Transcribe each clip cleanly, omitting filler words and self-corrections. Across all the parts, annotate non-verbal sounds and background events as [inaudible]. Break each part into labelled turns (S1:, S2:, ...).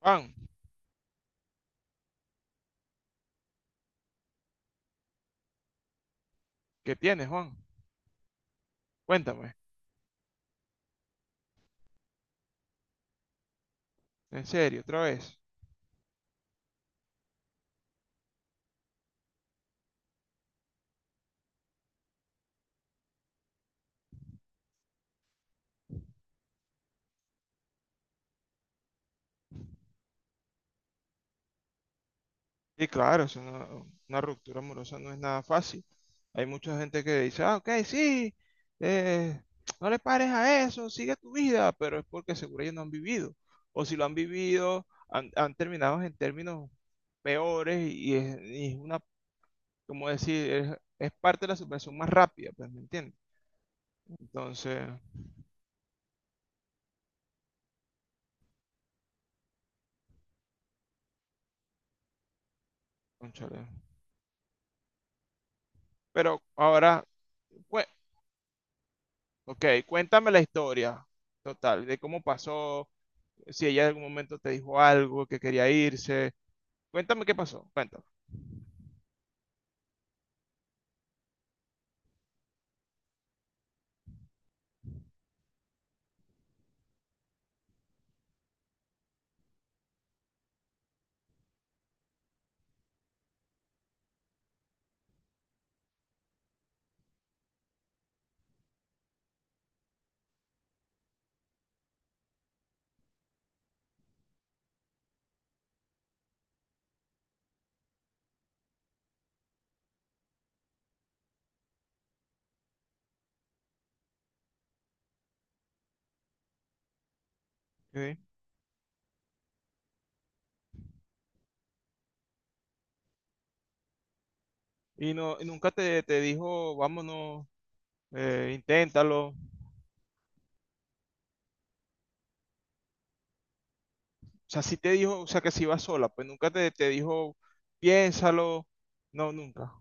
S1: Juan, ¿qué tienes, Juan? Cuéntame, en serio, otra vez. Sí, claro, es una ruptura amorosa no es nada fácil. Hay mucha gente que dice, ah, ok, sí, eh, no le pares a eso, sigue tu vida, pero es porque seguro ellos no han vivido. O si lo han vivido, han terminado en términos peores y y es una, como decir, es parte de la superación más rápida, pues, ¿me entiendes? Entonces, cónchale. Pero ahora, cue- ok, cuéntame la historia total, de cómo pasó, si ella en algún momento te dijo algo, que quería irse. Cuéntame qué pasó, cuéntame. Ok. Y no, y nunca te, te dijo, vámonos, inténtalo. O sea, sí te dijo, o sea, que si iba sola, pues nunca te, te dijo, piénsalo. No, nunca.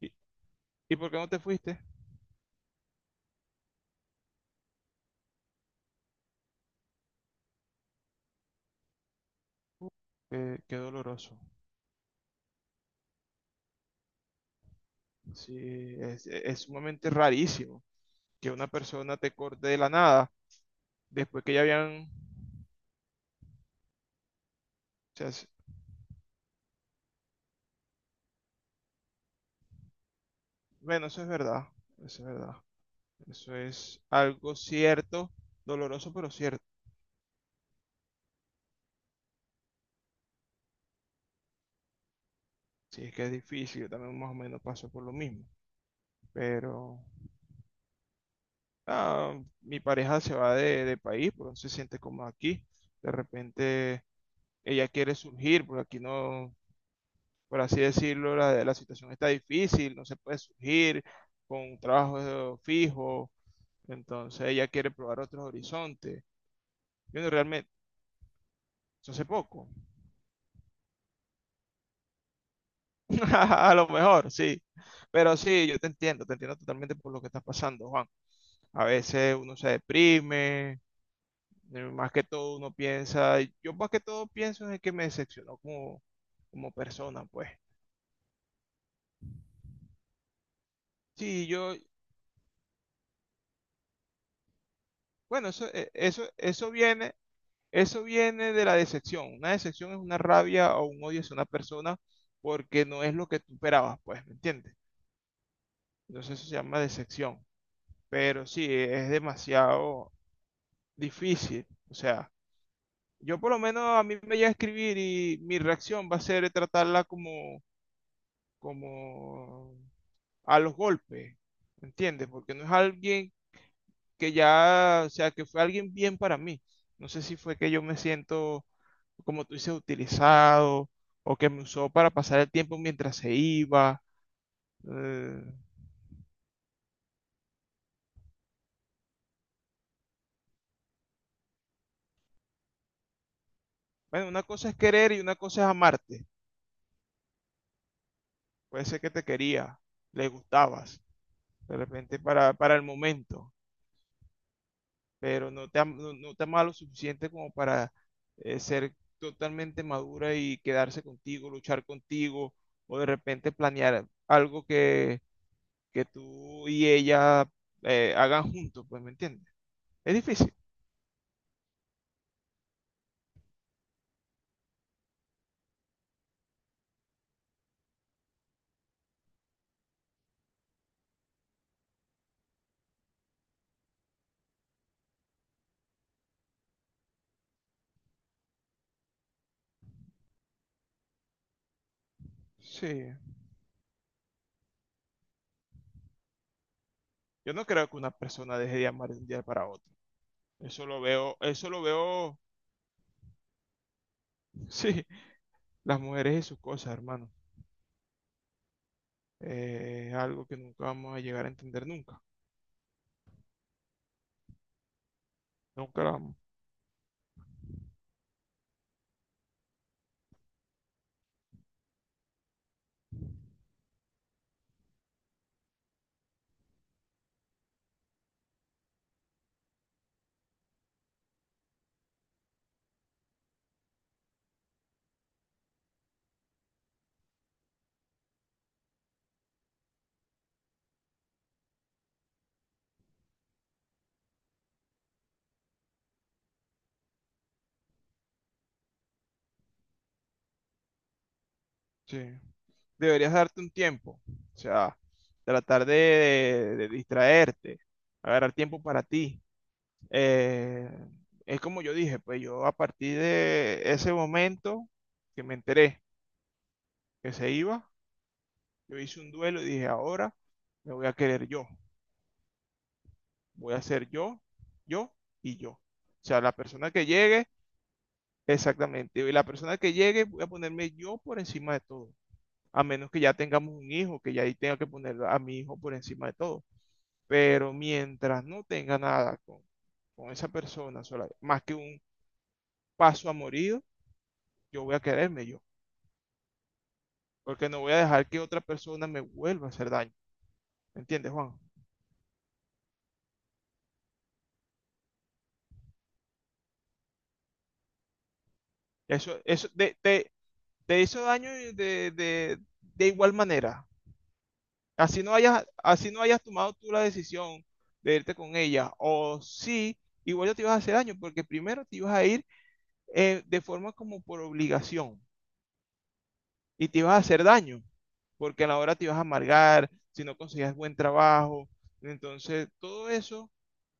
S1: ¿Y, ¿y por qué no te fuiste? Uh, Qué, qué doloroso. Sí, es sumamente rarísimo que una persona te corte de la nada después que ya habían... o sea, es- bueno, eso es verdad, eso es verdad. Eso es algo cierto, doloroso pero cierto. Sí, es que es difícil, yo también más o menos paso por lo mismo. Pero ah, mi pareja se va de país, porque no se siente cómoda aquí. De repente ella quiere surgir, porque aquí no, por así decirlo, la situación está difícil, no se puede surgir con un trabajo fijo. Entonces ella quiere probar otros horizontes. Yo no, realmente, eso hace poco. [laughs] A lo mejor, sí. Pero sí, yo te entiendo totalmente por lo que estás pasando, Juan. A veces uno se deprime, más que todo uno piensa, yo más que todo pienso en que me decepcionó como, como persona, pues. Sí, yo, bueno, eso viene de la decepción. Una decepción es una rabia o un odio hacia una persona porque no es lo que tú esperabas, pues, ¿me entiendes? Entonces eso se llama decepción. Pero sí, es demasiado difícil. O sea, yo por lo menos a mí me voy a escribir y mi reacción va a ser tratarla como, como a los golpes, ¿entiendes? Porque no es alguien que ya, o sea, que fue alguien bien para mí. No sé si fue que yo me siento, como tú dices, utilizado o que me usó para pasar el tiempo mientras se iba. Eh, bueno, una cosa es querer y una cosa es amarte. Puede ser que te quería, le gustabas, de repente para el momento, pero no te, no, no te ama lo suficiente como para ser totalmente madura y quedarse contigo, luchar contigo, o de repente planear algo que tú y ella hagan juntos, pues, ¿me entiendes? Es difícil. Sí, yo no creo que una persona deje de amar de un día para otro. Eso lo veo, [laughs] sí, las mujeres y sus cosas, hermano. Es algo que nunca vamos a llegar a entender nunca. Nunca lo vamos. Sí, deberías darte un tiempo, o sea, de distraerte, agarrar tiempo para ti. Eh, es como yo dije, pues yo a partir de ese momento que me enteré que se iba, yo hice un duelo y dije, ahora me voy a querer yo, voy a ser yo, yo y yo. O sea, la persona que llegue, exactamente, y la persona que llegue voy a ponerme yo por encima de todo. A menos que ya tengamos un hijo, que ya ahí tenga que poner a mi hijo por encima de todo. Pero mientras no tenga nada con, con esa persona sola, más que un paso a yo voy a quererme yo, porque no voy a dejar que otra persona me vuelva a hacer daño. ¿Me entiendes, Juan? Eso, eso te, te- Te hizo daño y de igual manera. Así no hayas tomado tú la decisión de irte con ella, o sí, igual ya te ibas a hacer daño, porque primero te ibas a ir de forma como por obligación, y te ibas a hacer daño, porque a la hora te ibas a amargar, si no conseguías buen trabajo. Entonces, todo eso,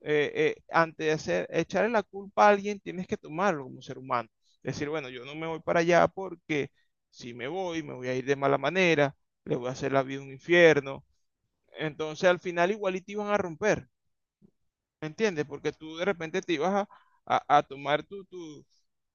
S1: eh, antes de hacer, echarle la culpa a alguien, tienes que tomarlo como ser humano. Decir, bueno, yo no me voy para allá porque si me voy, me voy a ir de mala manera, le voy a hacer la vida un infierno. Entonces, al final, igual y te iban a romper, ¿me entiendes? Porque tú de repente te ibas a, a tomar tu,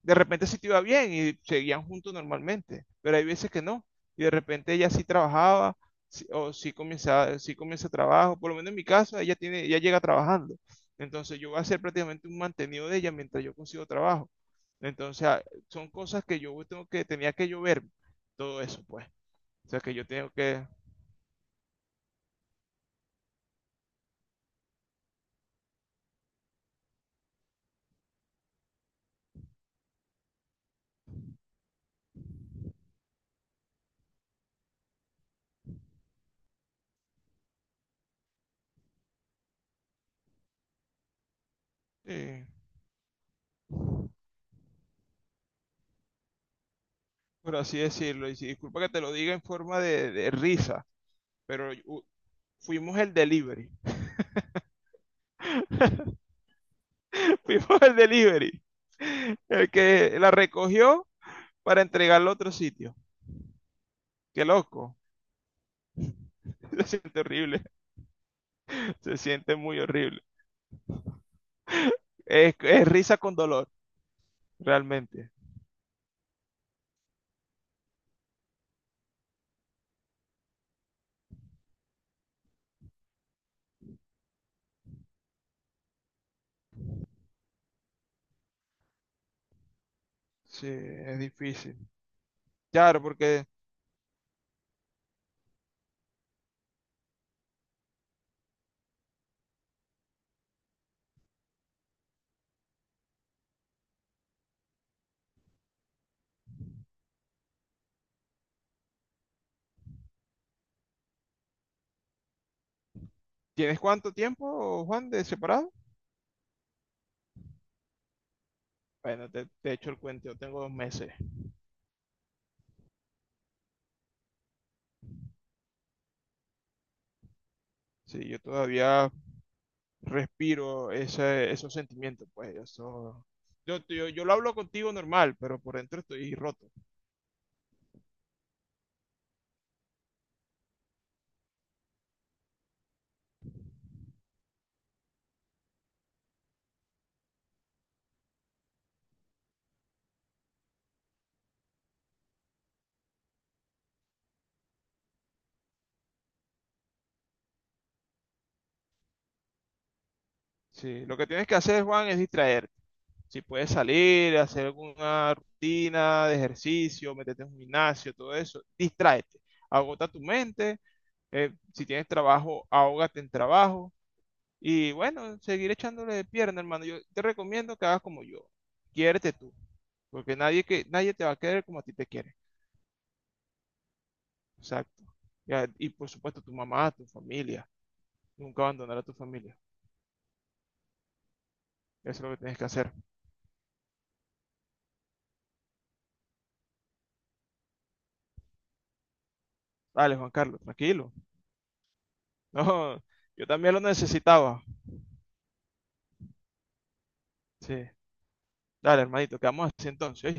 S1: de repente sí te iba bien y seguían juntos normalmente, pero hay veces que no. Y de repente ella sí trabajaba o sí comienza trabajo. Por lo menos en mi caso, ella tiene, ella llega trabajando. Entonces yo voy a ser prácticamente un mantenido de ella mientras yo consigo trabajo. Entonces son cosas que yo tengo que, tenía que yo ver todo eso, pues. O sea que yo tengo que, eh, por así decirlo, y disculpa que te lo diga en forma de risa, pero fuimos el delivery. Fuimos al delivery. El que la recogió para entregarla a otro sitio. Qué loco. [laughs] Se siente horrible. Se siente muy horrible. Es risa con dolor, realmente. Sí, es difícil. Claro, porque ¿tienes cuánto tiempo, Juan, de separado? Bueno, te echo el cuento, yo tengo 2 meses. Sí, yo todavía respiro ese, esos sentimientos, pues, eso... Yo lo hablo contigo normal, pero por dentro estoy roto. Sí, lo que tienes que hacer, Juan, es distraer. Si puedes salir, hacer alguna rutina de ejercicio, meterte en un gimnasio, todo eso, distráete. Agota tu mente. Si tienes trabajo, ahógate en trabajo. Y bueno, seguir echándole de pierna, hermano. Yo te recomiendo que hagas como yo. Quiérete tú, porque nadie, que, nadie te va a querer como a ti te quieren. Exacto. Ya, y por supuesto tu mamá, tu familia. Nunca abandonar a tu familia. Eso es lo que tienes que hacer. Dale, Juan Carlos, tranquilo. [laughs] No, yo también lo necesitaba. Sí. Dale, hermanito, quedamos así entonces.